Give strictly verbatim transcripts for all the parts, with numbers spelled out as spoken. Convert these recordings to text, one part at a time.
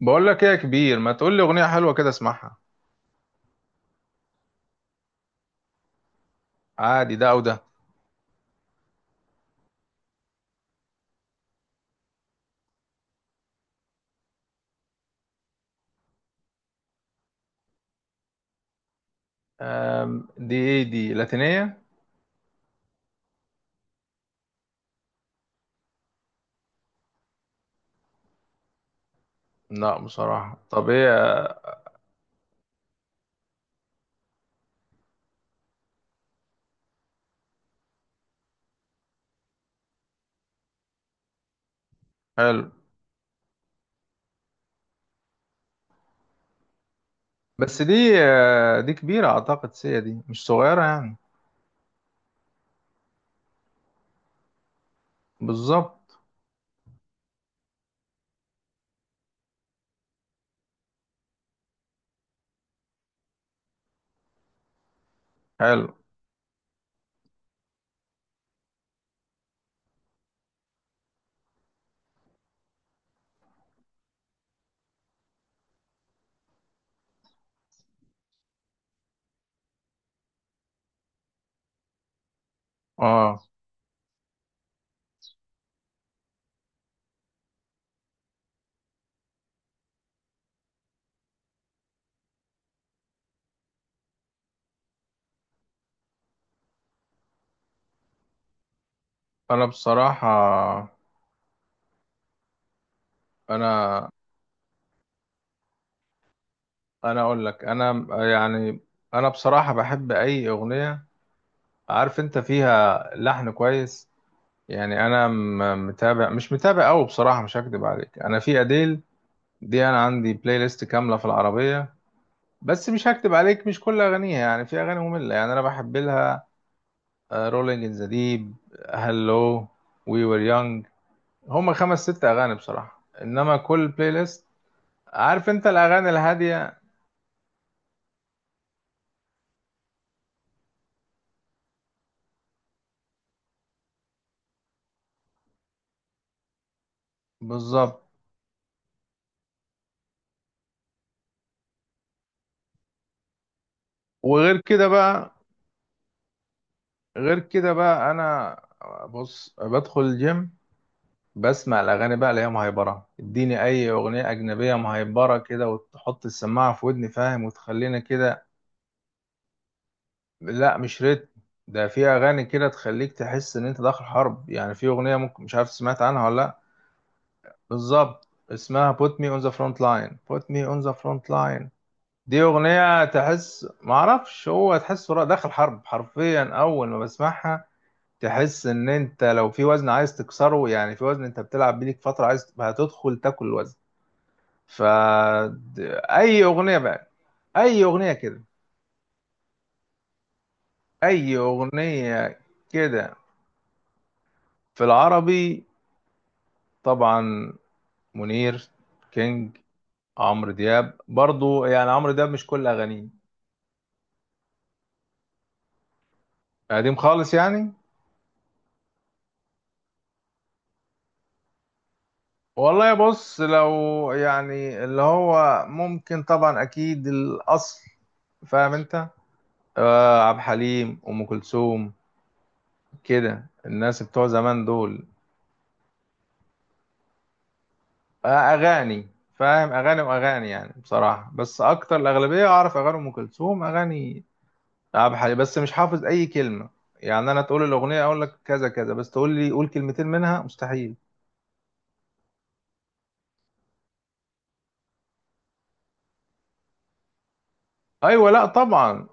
بقول لك ايه يا كبير؟ ما تقول لي اغنيه حلوه كده اسمعها. عادي، ده او ده؟ أم، دي ايه؟ دي لاتينيه؟ لا بصراحه، طب ايه؟ حلو. بس دي... آه، دي كبيره، اعتقد سيا دي مش صغيره يعني. بالظبط. حلو. اه، انا بصراحه، انا انا اقول لك، انا يعني انا بصراحه بحب اي اغنيه عارف انت فيها لحن كويس. يعني انا م- متابع، مش متابع قوي بصراحه، مش هكدب عليك، انا في اديل دي انا عندي بلاي ليست كامله، في العربيه. بس مش هكتب عليك، مش كل اغانيها يعني، في اغاني ممله يعني. انا بحب لها رولينج ان ذا ديب، هالو، وي وير يونج. هما خمس ست اغاني بصراحه، انما كل بلاي ليست عارف انت، الاغاني الهاديه. بالظبط. وغير كده بقى، غير كده بقى انا بص، بدخل الجيم بسمع الاغاني بقى اللي هي مهيبره. اديني اي اغنيه اجنبيه مهيبره كده وتحط السماعه في ودني فاهم، وتخلينا كده. لا مش ريتم، ده في اغاني كده تخليك تحس ان انت داخل حرب يعني. في اغنيه ممكن مش عارف سمعت عنها ولا لا. بالظبط، اسمها put me on the front line, put me on the front line. دي اغنيه تحس معرفش هو، تحس ورا- داخل حرب حرفيا اول ما بسمعها. تحس ان انت لو في وزن عايز تكسره، يعني في وزن انت بتلعب بيه ليك فتره، عايز هتدخل تاكل الوزن. ف... اي اغنيه بقى، اي اغنيه كده، اي اغنيه كده. في العربي طبعا، منير، كينج، عمرو دياب برضو، يعني عمرو دياب مش كل اغانيه. قديم خالص يعني؟ والله بص، لو يعني اللي هو ممكن طبعا اكيد الاصل، فاهم انت. آه، عبد الحليم، ام كلثوم، كده الناس بتوع زمان دول. آه اغاني، فاهم، اغاني واغاني يعني بصراحه، بس اكتر الاغلبيه اعرف اغاني ام كلثوم، اغاني ألعاب حالي، بس مش حافظ أي كلمة. يعني أنا تقول الأغنية أقول لك كذا كذا، بس تقول لي قول كلمتين منها مستحيل. أيوة لا طبعا.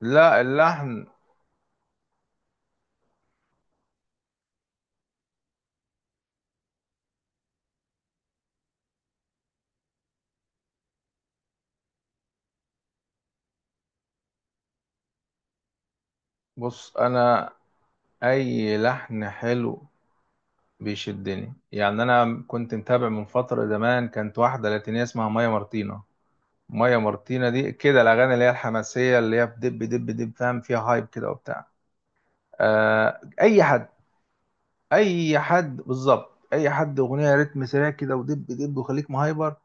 لا اللحن. بص أنا أي لحن حلو بيشدني يعني. أنا كنت متابع من فترة زمان، كانت واحدة لاتينية اسمها مايا مارتينا. مايا مارتينا دي كده الأغاني اللي هي الحماسية، اللي هي بدب دب دب فاهم، فيها هايب كده وبتاع. آه أي حد، أي حد بالظبط، أي حد أغنية رتم سريع كده ودب دب وخليك مهايبر.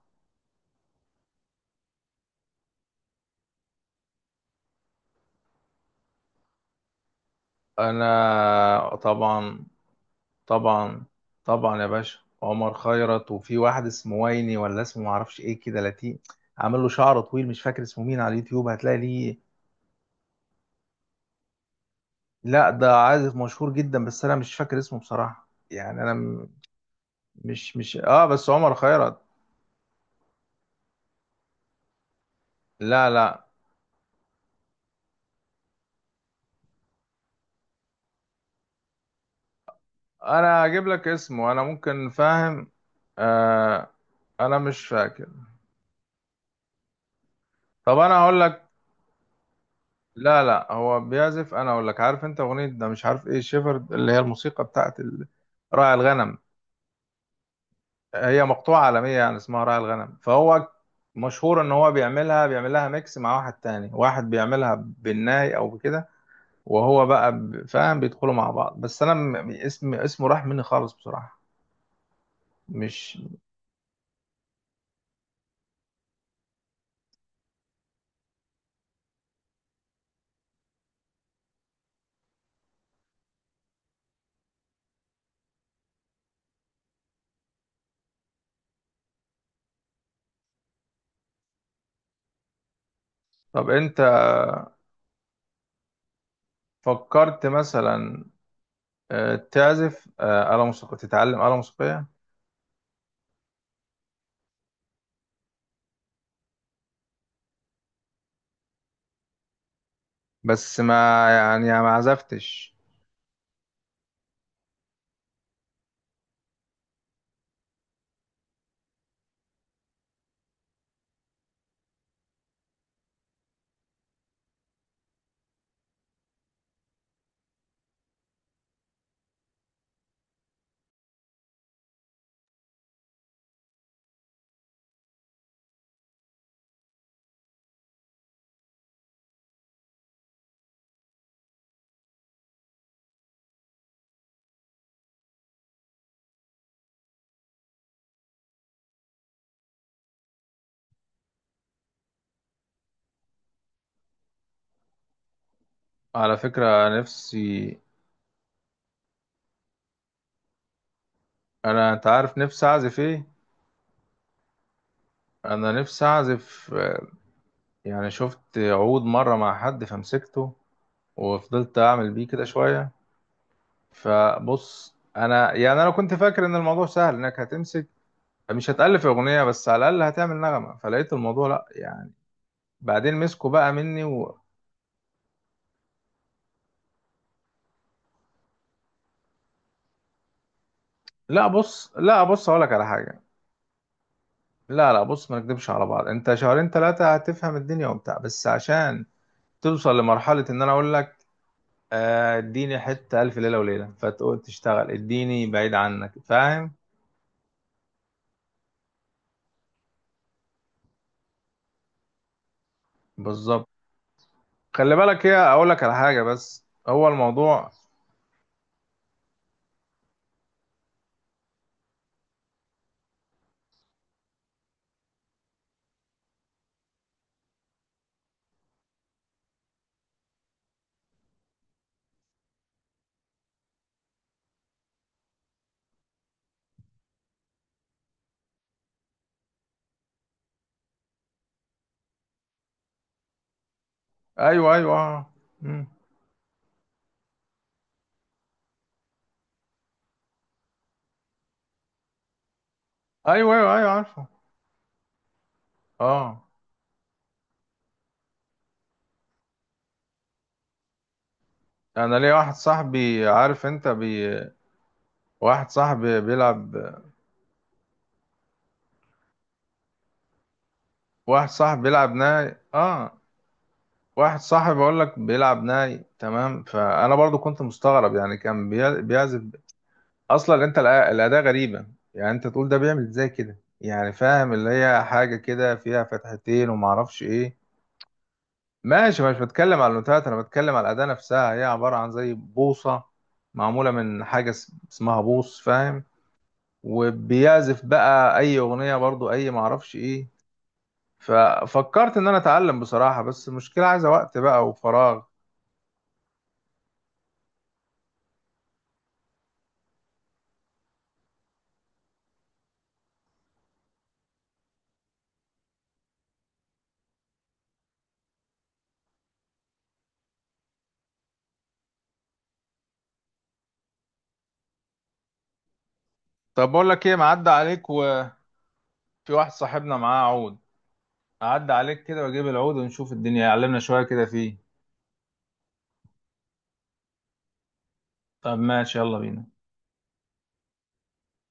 انا طبعا طبعا. طبعا يا باشا، عمر خيرت، وفي واحد اسمه ويني، ولا اسمه معرفش ايه كده، لاتيه، عامل له شعر طويل، مش فاكر اسمه مين، على اليوتيوب هتلاقي ليه. لا ده عازف مشهور جدا بس انا مش فاكر اسمه بصراحة يعني. انا م- مش مش اه، بس عمر خيرت. لا لا، انا هجيب لك اسمه انا، ممكن فاهم. آه. انا مش فاكر. طب انا هقول لك، لا لا هو بيعزف، انا اقول لك، عارف انت اغنيه ده مش عارف ايه شيفرد، اللي هي الموسيقى بتاعت ال- راعي الغنم. هي مقطوعه عالميه يعني، اسمها راعي الغنم، فهو مشهور ان هو بيعملها، بيعمل لها ميكس مع واحد تاني، واحد بيعملها بالناي او بكده، وهو بقى ب- فاهم، بيدخلوا مع بعض. بس انا م- اسم اسمه راح مني خالص بصراحه، مش... طب انت فكرت مثلا آه، تعزف آه، آلة موسيقية، تتعلم آلة موسيقية؟ بس ما يعني ما عزفتش. على فكرة نفسي، أنا أنت عارف نفسي أعزف إيه؟ أنا نفسي أعزف آه، يعني شفت عود مرة مع حد فمسكته، وفضلت أعمل بيه كده شوية. فبص أنا يعني، أنا كنت فاكر إن الموضوع سهل، إنك هتمسك مش هتألف أغنية، بس على الأقل هتعمل نغمة. فلقيت الموضوع لأ يعني، بعدين مسكوا بقى مني و... لا بص، لا بص أقولك على حاجة. لا لا بص، ما نكدبش على بعض، أنت شهرين ثلاثة هتفهم الدنيا وبتاع، بس عشان توصل لمرحلة إن أنا أقول لك آه، اديني حتة ألف ليلة وليلة، فتقول تشتغل اديني بعيد عنك، فاهم. بالظبط. خلي بالك هي، أقول لك على حاجة، بس هو الموضوع... أيوه أيوه. مم. أيوه أيوه أيوه، عارفه. أه. أنا ليا واحد صاحبي، عارف أنت بي... واحد صاحبي بيلعب... واحد صاحبي بيلعب ناي، أه. واحد صاحبي بقول لك بيلعب ناي تمام، فأنا برضو كنت مستغرب يعني، كان بي... بيعزف. اصلا انت الأ- الاداة غريبة يعني، انت تقول ده بيعمل ازاي كده يعني فاهم، اللي هي حاجة كده فيها فتحتين وما اعرفش ايه. ماشي، مش بتكلم على النوتات، انا بتكلم على الاداة نفسها، هي عبارة عن زي بوصة معمولة من حاجة اس- اسمها بوص فاهم، وبيعزف بقى اي اغنية برضو، اي ما اعرفش ايه. ففكرت ان انا اتعلم بصراحة، بس المشكلة عايزة وقت بقى وفراغ. طب بقول لك ايه، معدي عليك وفي واحد صاحبنا معاه عود، اعدي عليك كده واجيب العود ونشوف الدنيا يعلمنا شوية كده فيه. طب ماشي، يلا بينا.